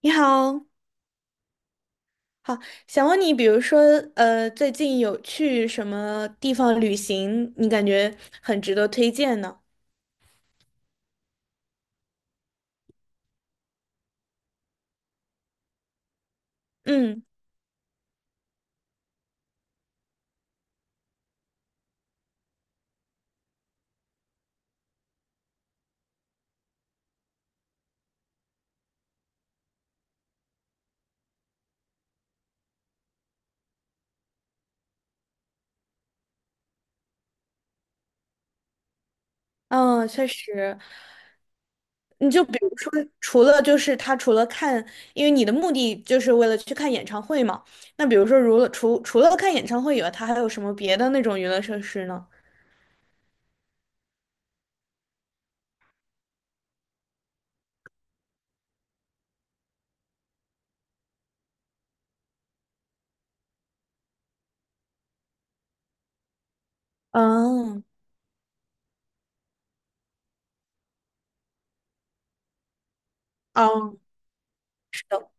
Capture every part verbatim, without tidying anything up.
你好，好，想问你，比如说，呃，最近有去什么地方旅行，你感觉很值得推荐呢？嗯嗯，确实，你就比如说，除了就是他除了看，因为你的目的就是为了去看演唱会嘛，那比如说，如了除除了看演唱会以外，他还有什么别的那种娱乐设施呢？嗯哦，是的，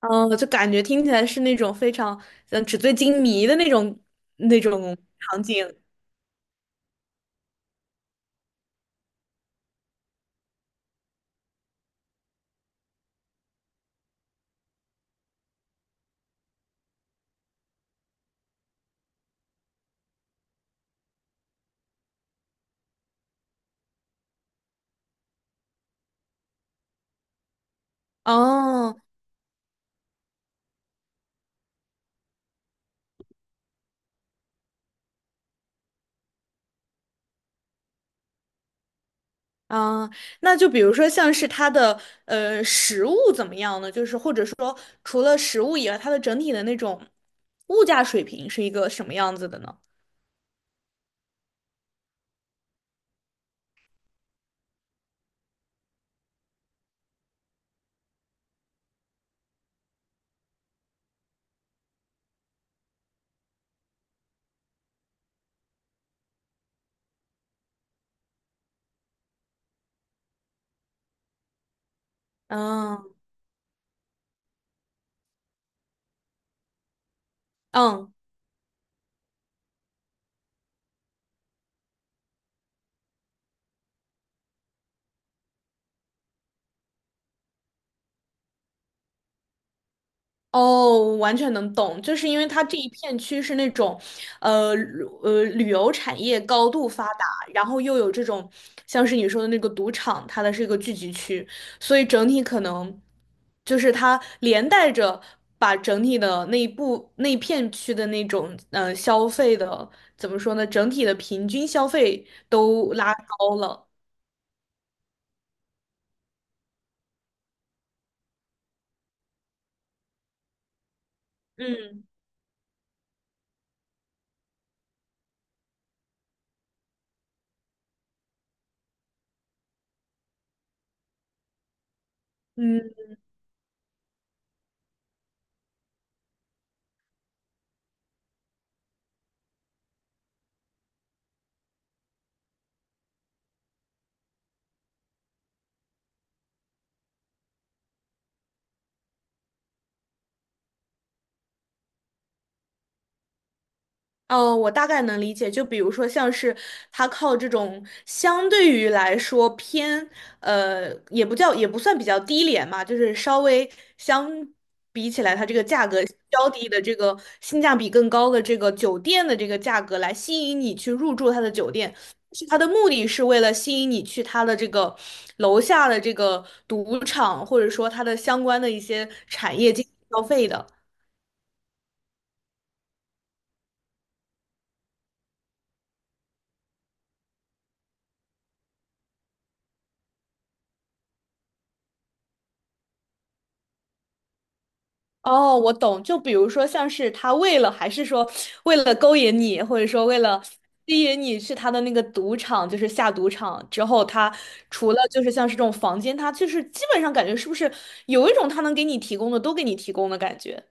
嗯，就感觉听起来是那种非常嗯纸醉金迷的那种那种场景。哦，啊，那就比如说像是它的呃食物怎么样呢？就是或者说除了食物以外，它的整体的那种物价水平是一个什么样子的呢？嗯嗯。哦，完全能懂，就是因为它这一片区是那种，呃旅呃旅游产业高度发达，然后又有这种像是你说的那个赌场，它的是一个聚集区，所以整体可能就是它连带着把整体的那一部那一片区的那种呃消费的怎么说呢，整体的平均消费都拉高了。嗯嗯。哦，我大概能理解。就比如说，像是他靠这种相对于来说偏，呃，也不叫也不算比较低廉嘛，就是稍微相比起来，它这个价格较低的这个性价比更高的这个酒店的这个价格来吸引你去入住他的酒店，是他的目的是为了吸引你去他的这个楼下的这个赌场，或者说它的相关的一些产业进行消费的。哦，我懂。就比如说，像是他为了，还是说为了勾引你，或者说为了吸引你去他的那个赌场，就是下赌场之后，他除了就是像是这种房间，他就是基本上感觉是不是有一种他能给你提供的都给你提供的感觉。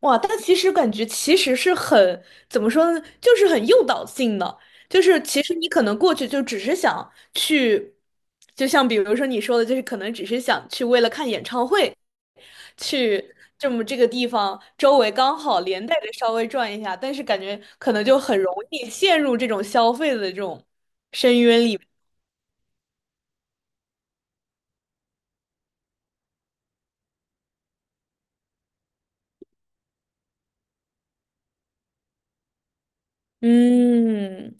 哇，但其实感觉其实是很，怎么说呢，就是很诱导性的，就是其实你可能过去就只是想去，就像比如说你说的，就是可能只是想去为了看演唱会，去这么这个地方周围刚好连带着稍微转一下，但是感觉可能就很容易陷入这种消费的这种深渊里面。嗯，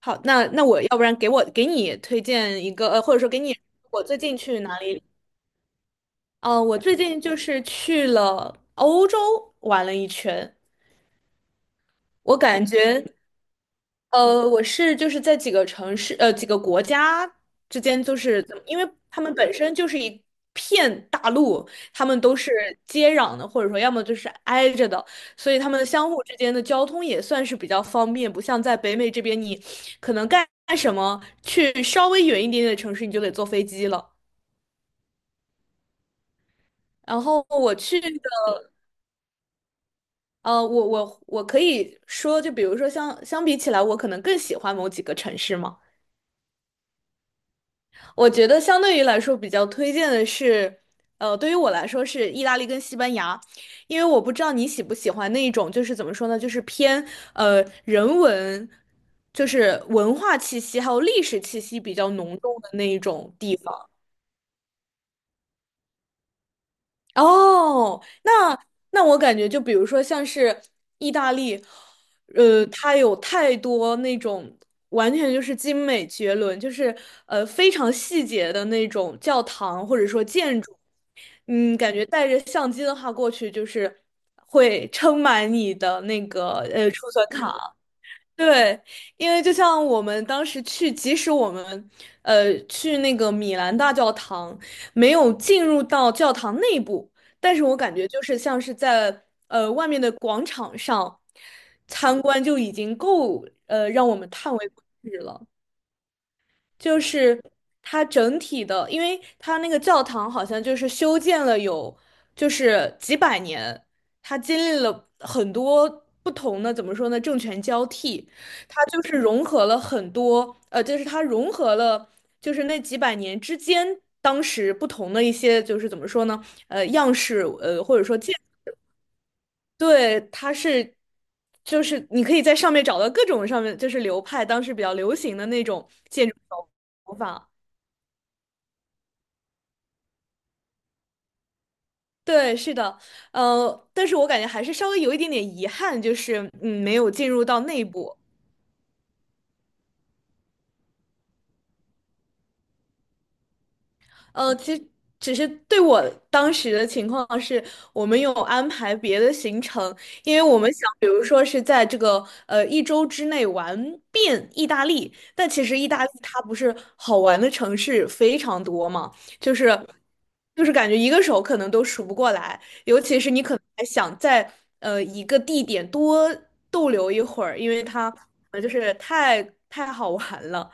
好，那那我要不然给我给你推荐一个，呃，或者说给你我最近去哪里呃，我最近就是去了欧洲玩了一圈，我感觉，呃，我是就是在几个城市，呃，几个国家之间，就是怎么因为他们本身就是一片大陆，他们都是接壤的，或者说要么就是挨着的，所以他们相互之间的交通也算是比较方便，不像在北美这边，你可能干干什么，去稍微远一点点的城市，你就得坐飞机了。然后我去的呃，我我我可以说，就比如说相相比起来，我可能更喜欢某几个城市嘛。我觉得相对于来说，比较推荐的是，呃，对于我来说是意大利跟西班牙，因为我不知道你喜不喜欢那一种，就是怎么说呢，就是偏呃人文，就是文化气息还有历史气息比较浓重的那一种地方。哦，那那我感觉就比如说像是意大利，呃，它有太多那种完全就是精美绝伦，就是呃非常细节的那种教堂或者说建筑，嗯，感觉带着相机的话过去就是会撑满你的那个呃储存卡。对，因为就像我们当时去，即使我们呃去那个米兰大教堂，没有进入到教堂内部，但是我感觉就是像是在呃外面的广场上参观就已经够呃让我们叹为观止了。就是它整体的，因为它那个教堂好像就是修建了有就是几百年，它经历了很多不同的，怎么说呢，政权交替，它就是融合了很多，呃，就是它融合了就是那几百年之间。当时不同的一些就是怎么说呢？呃，样式，呃，或者说建，对，它是，就是你可以在上面找到各种上面就是流派当时比较流行的那种建筑手法。对，是的，呃，但是我感觉还是稍微有一点点遗憾，就是嗯，没有进入到内部。呃，其实只是对我当时的情况是，我们有安排别的行程，因为我们想，比如说是在这个呃一周之内玩遍意大利，但其实意大利它不是好玩的城市非常多嘛，就是就是感觉一个手可能都数不过来，尤其是你可能还想在呃一个地点多逗留一会儿，因为它呃就是太太好玩了。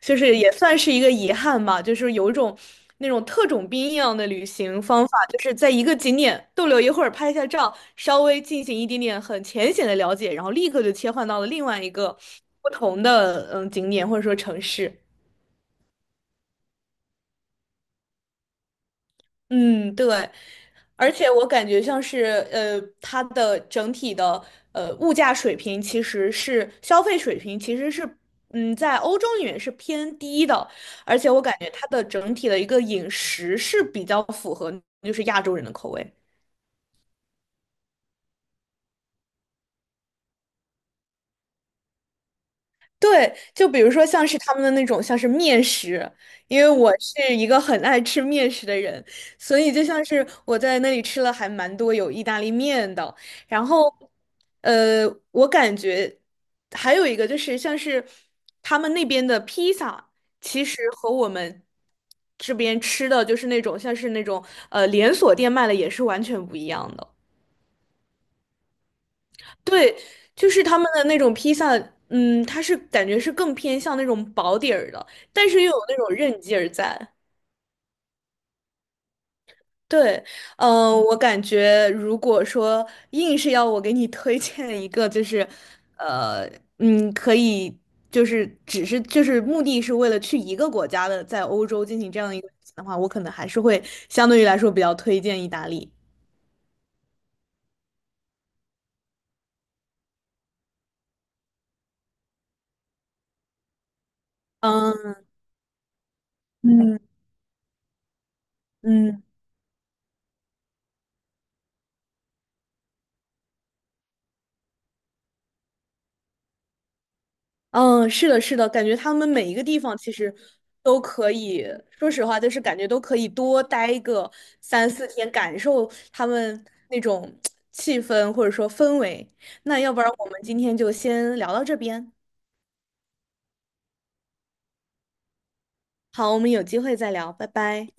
就是也算是一个遗憾吧，就是有一种那种特种兵一样的旅行方法，就是在一个景点逗留一会儿，拍一下照，稍微进行一点点很浅显的了解，然后立刻就切换到了另外一个不同的嗯景点或者说城市。嗯，对，而且我感觉像是呃，它的整体的呃物价水平其实是消费水平其实是嗯在欧洲里面是偏低的，而且我感觉它的整体的一个饮食是比较符合就是亚洲人的口味。对，就比如说像是他们的那种像是面食，因为我是一个很爱吃面食的人，所以就像是我在那里吃了还蛮多有意大利面的，然后，呃，我感觉还有一个就是像是他们那边的披萨，其实和我们这边吃的就是那种像是那种呃连锁店卖的也是完全不一样的。对，就是他们的那种披萨，嗯，它是感觉是更偏向那种薄底儿的，但是又有那种韧劲儿在。对，嗯、呃我感觉如果说硬是要我给你推荐一个，就是，呃，嗯，可以，就是只是就是目的是为了去一个国家的，在欧洲进行这样一个旅行的话，我可能还是会相对于来说比较推荐意大利。嗯嗯嗯。嗯，是的，是的，感觉他们每一个地方其实都可以，说实话，就是感觉都可以多待个三四天，感受他们那种气氛或者说氛围。那要不然我们今天就先聊到这边，好，我们有机会再聊，拜拜。